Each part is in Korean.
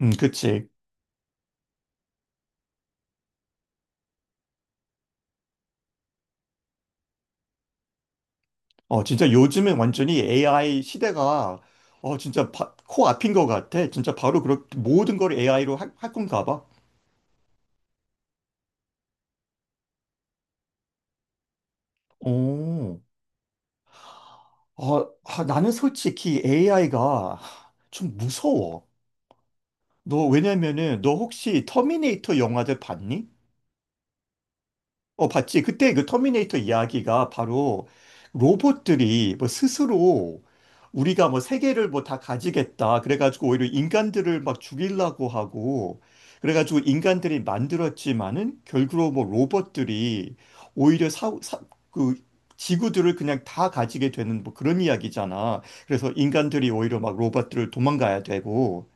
그치. 어, 진짜 요즘은 완전히 AI 시대가, 어, 진짜 코앞인 것 같아. 진짜 바로 모든 걸 AI로 할 건가 봐. 오. 어, 아, 나는 솔직히 AI가 좀 무서워. 왜냐면은, 너 혹시 터미네이터 영화들 봤니? 어, 봤지. 그때 그 터미네이터 이야기가 바로 로봇들이 뭐 스스로 우리가 뭐 세계를 뭐 다 가지겠다. 그래가지고 오히려 인간들을 막 죽이려고 하고, 그래가지고 인간들이 만들었지만은 결국로뭐 로봇들이 오히려 그 지구들을 그냥 다 가지게 되는 뭐 그런 이야기잖아. 그래서 인간들이 오히려 막 로봇들을 도망가야 되고,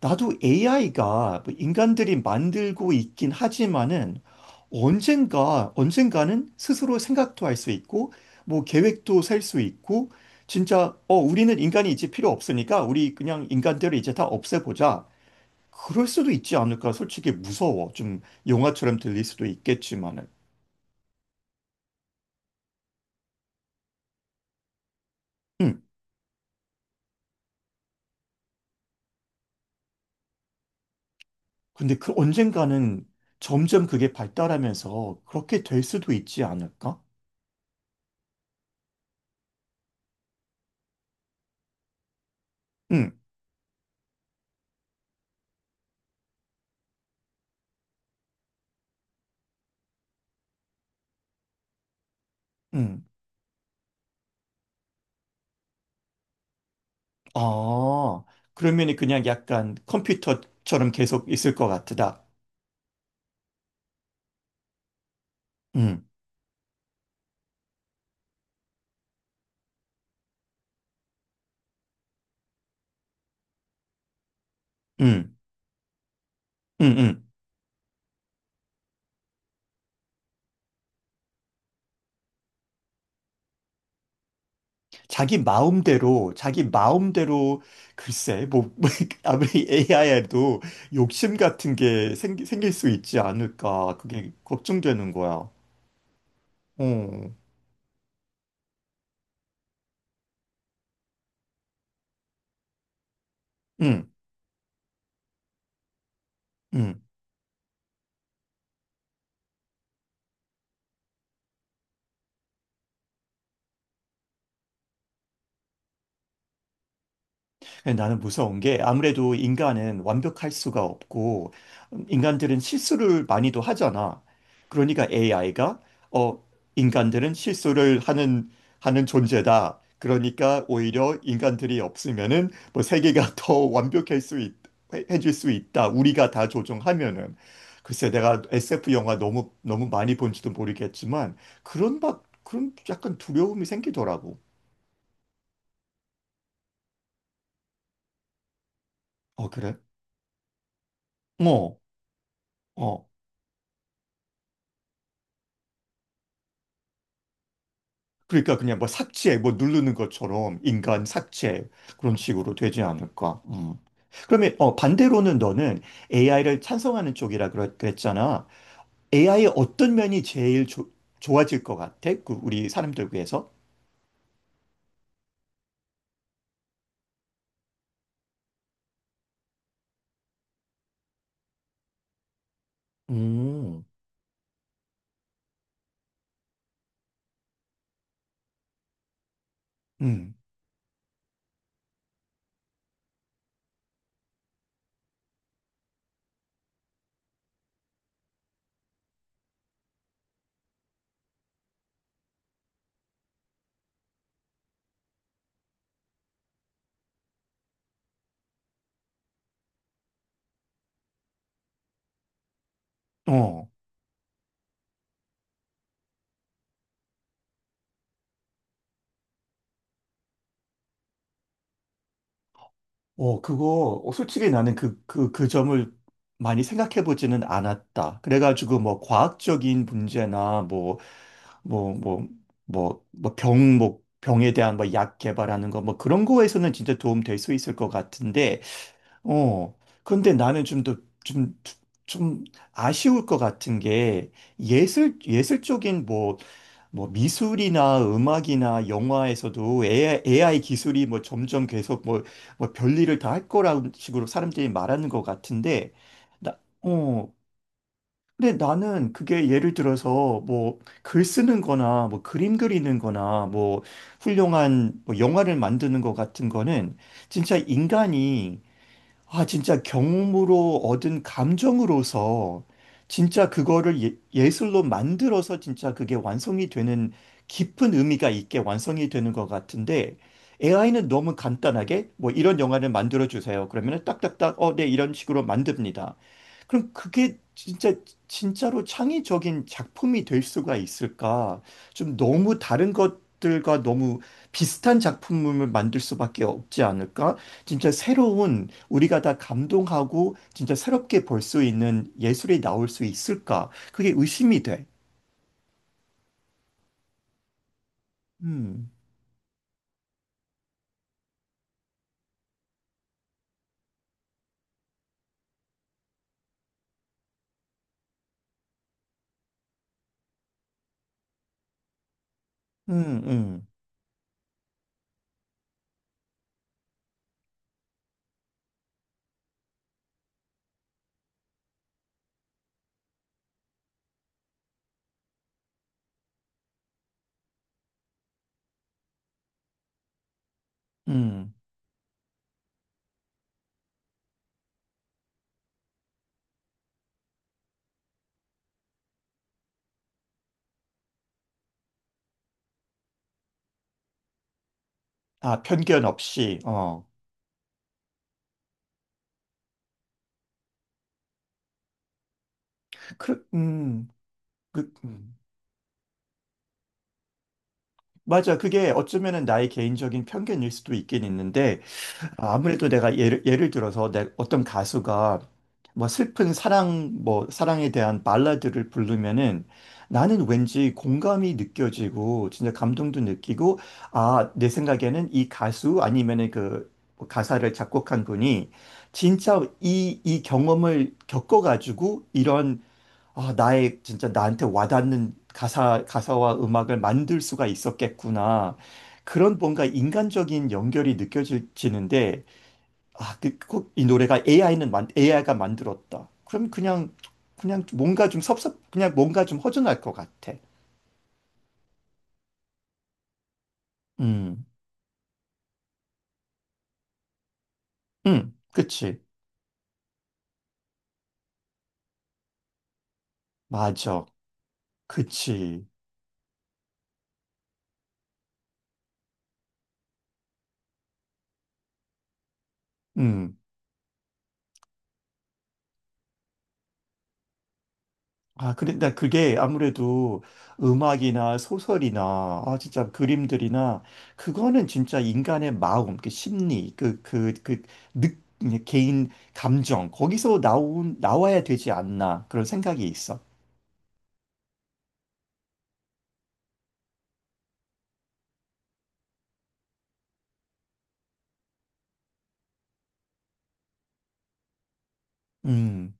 나도 AI가 인간들이 만들고 있긴 하지만은 언젠가는 스스로 생각도 할 수 있고, 뭐 계획도 셀 수 있고, 진짜, 어, 우리는 인간이 이제 필요 없으니까 우리 그냥 인간들을 이제 다 없애보자. 그럴 수도 있지 않을까? 솔직히 무서워. 좀 영화처럼 들릴 수도 있겠지만은. 음. 근데 그 언젠가는 점점 그게 발달하면서 그렇게 될 수도 있지 않을까? 응응. 아, 그러면은 그냥 약간 컴퓨터처럼 계속 있을 것 같다. 음, 음, 음, 음. 자기 마음대로, 자기 마음대로. 글쎄, 뭐, 뭐, 아무리 AI에도 욕심 같은 게 생길 수 있지 않을까? 그게 걱정되는 거야. 어, 음, 음. 예, 나는 무서운 게 아무래도 인간은 완벽할 수가 없고 인간들은 실수를 많이도 하잖아. 그러니까 AI가 어 인간들은 실수를 하는 존재다. 그러니까 오히려 인간들이 없으면은 뭐 세계가 더 완벽할 수 있, 해줄 수 있다. 우리가 다 조종하면은 글쎄 내가 SF 영화 너무 너무 많이 본지도 모르겠지만 그런 막 그런 약간 두려움이 생기더라고. 어, 그래? 어. 어. 그러니까 그냥 뭐 삭제, 뭐 누르는 것처럼 인간 삭제 그런 식으로 되지 않을까? 음. 그러면 어, 반대로는 너는 AI를 찬성하는 쪽이라 그랬잖아. AI의 어떤 면이 제일 좋아질 것 같아? 그 우리 사람들 위해서? 음. 음. 어. 어, 그거, 어, 솔직히 나는 그 점을 많이 생각해보지는 않았다. 그래가지고, 뭐, 과학적인 문제나, 뭐, 뭐, 뭐, 병에 대한 뭐, 약 개발하는 거, 뭐, 그런 거에서는 진짜 도움 될 수 있을 것 같은데, 어, 근데 나는 좀 더, 좀, 좀 아쉬울 것 같은 게, 예술적인 뭐 미술이나 음악이나 영화에서도 AI, 기술이 뭐 점점 계속 뭐 별일을 다 할 거라는 식으로 사람들이 말하는 것 같은데, 어, 근데 나는 그게 예를 들어서 뭐 글 쓰는 거나 뭐 그림 그리는 거나 뭐 훌륭한 뭐 영화를 만드는 것 같은 거는 진짜 인간이 아, 진짜 경험으로 얻은 감정으로서 진짜 그거를 예술로 만들어서 진짜 그게 완성이 되는 깊은 의미가 있게 완성이 되는 것 같은데 AI는 너무 간단하게 뭐 이런 영화를 만들어 주세요. 그러면은 딱딱딱 어, 네, 이런 식으로 만듭니다. 그럼 그게 진짜 진짜로 창의적인 작품이 될 수가 있을까? 좀 너무 다른 것들과 너무 비슷한 작품을 만들 수밖에 없지 않을까? 진짜 새로운 우리가 다 감동하고 진짜 새롭게 볼 수 있는 예술이 나올 수 있을까? 그게 의심이 돼. 음, 음, 음, 음. 아, 편견 없이, 어. 그, 그, 맞아. 그게 어쩌면은 나의 개인적인 편견일 수도 있긴 있는데, 아무래도 내가 예를 들어서 내 어떤 가수가 뭐 슬픈 사랑, 뭐 사랑에 대한 발라드를 부르면은 나는 왠지 공감이 느껴지고 진짜 감동도 느끼고 아, 내 생각에는 이 가수 아니면은 그 뭐 가사를 작곡한 분이 진짜 이 경험을 겪어가지고 이런 아, 나의 진짜 나한테 와닿는 가사와 음악을 만들 수가 있었겠구나. 그런 뭔가 인간적인 연결이 느껴지는데 아, 이 노래가 AI가 만들었다. 그럼 그냥 뭔가 그냥 뭔가 좀 허전할 것 같아. 음, 그치. 맞아. 그치. 음. 아, 그래, 나 그게 아무래도 음악이나 소설이나, 아, 진짜 그림들이나, 그거는 진짜 인간의 마음, 그 심리, 느, 개인 감정, 거기서 나와야 되지 않나, 그런 생각이 있어. 음.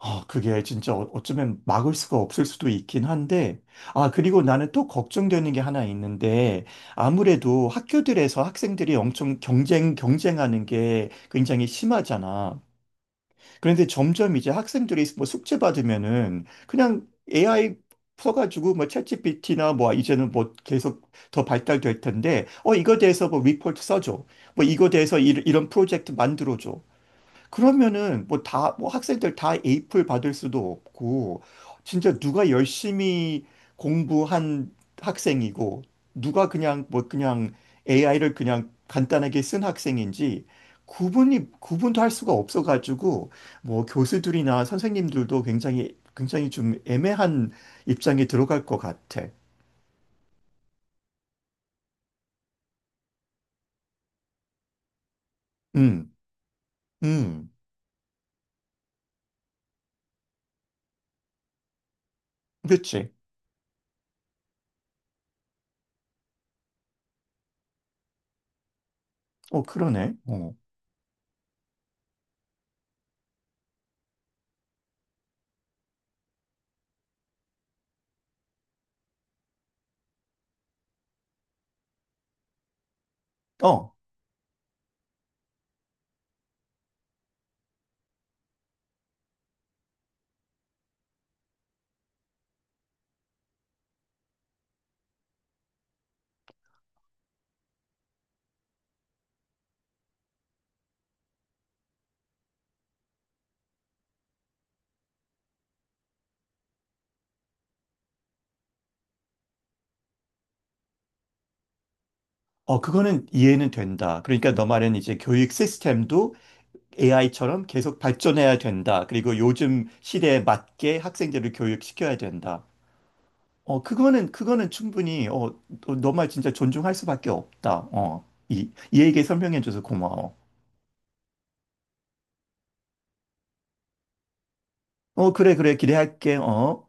아, 그게 진짜 어쩌면 막을 수가 없을 수도 있긴 한데, 아, 그리고 나는 또 걱정되는 게 하나 있는데, 아무래도 학교들에서 학생들이 엄청 경쟁하는 게 굉장히 심하잖아. 그런데 점점 이제 학생들이 뭐 숙제 받으면은 그냥 AI 써가지고 뭐 챗GPT나 뭐 이제는 뭐 계속 더 발달될 텐데, 어, 이거 대해서 뭐 리포트 써줘. 뭐 이거 대해서 이런 프로젝트 만들어줘. 그러면은 뭐 다 뭐 학생들 다 에이플 받을 수도 없고 진짜 누가 열심히 공부한 학생이고 누가 그냥 뭐 그냥 AI를 그냥 간단하게 쓴 학생인지 구분이 구분도 할 수가 없어가지고 뭐 교수들이나 선생님들도 굉장히 굉장히 좀 애매한 입장에 들어갈 것 같아. 음, 음, 그렇지. 어, 그러네. 어, 어, 어, 그거는 이해는 된다. 그러니까 너 말은 이제 교육 시스템도 AI처럼 계속 발전해야 된다. 그리고 요즘 시대에 맞게 학생들을 교육시켜야 된다. 어, 그거는 충분히, 어, 너 말 진짜 존중할 수밖에 없다. 어, 이 얘기 설명해줘서 고마워. 어, 그래, 그래, 기대할게. 어.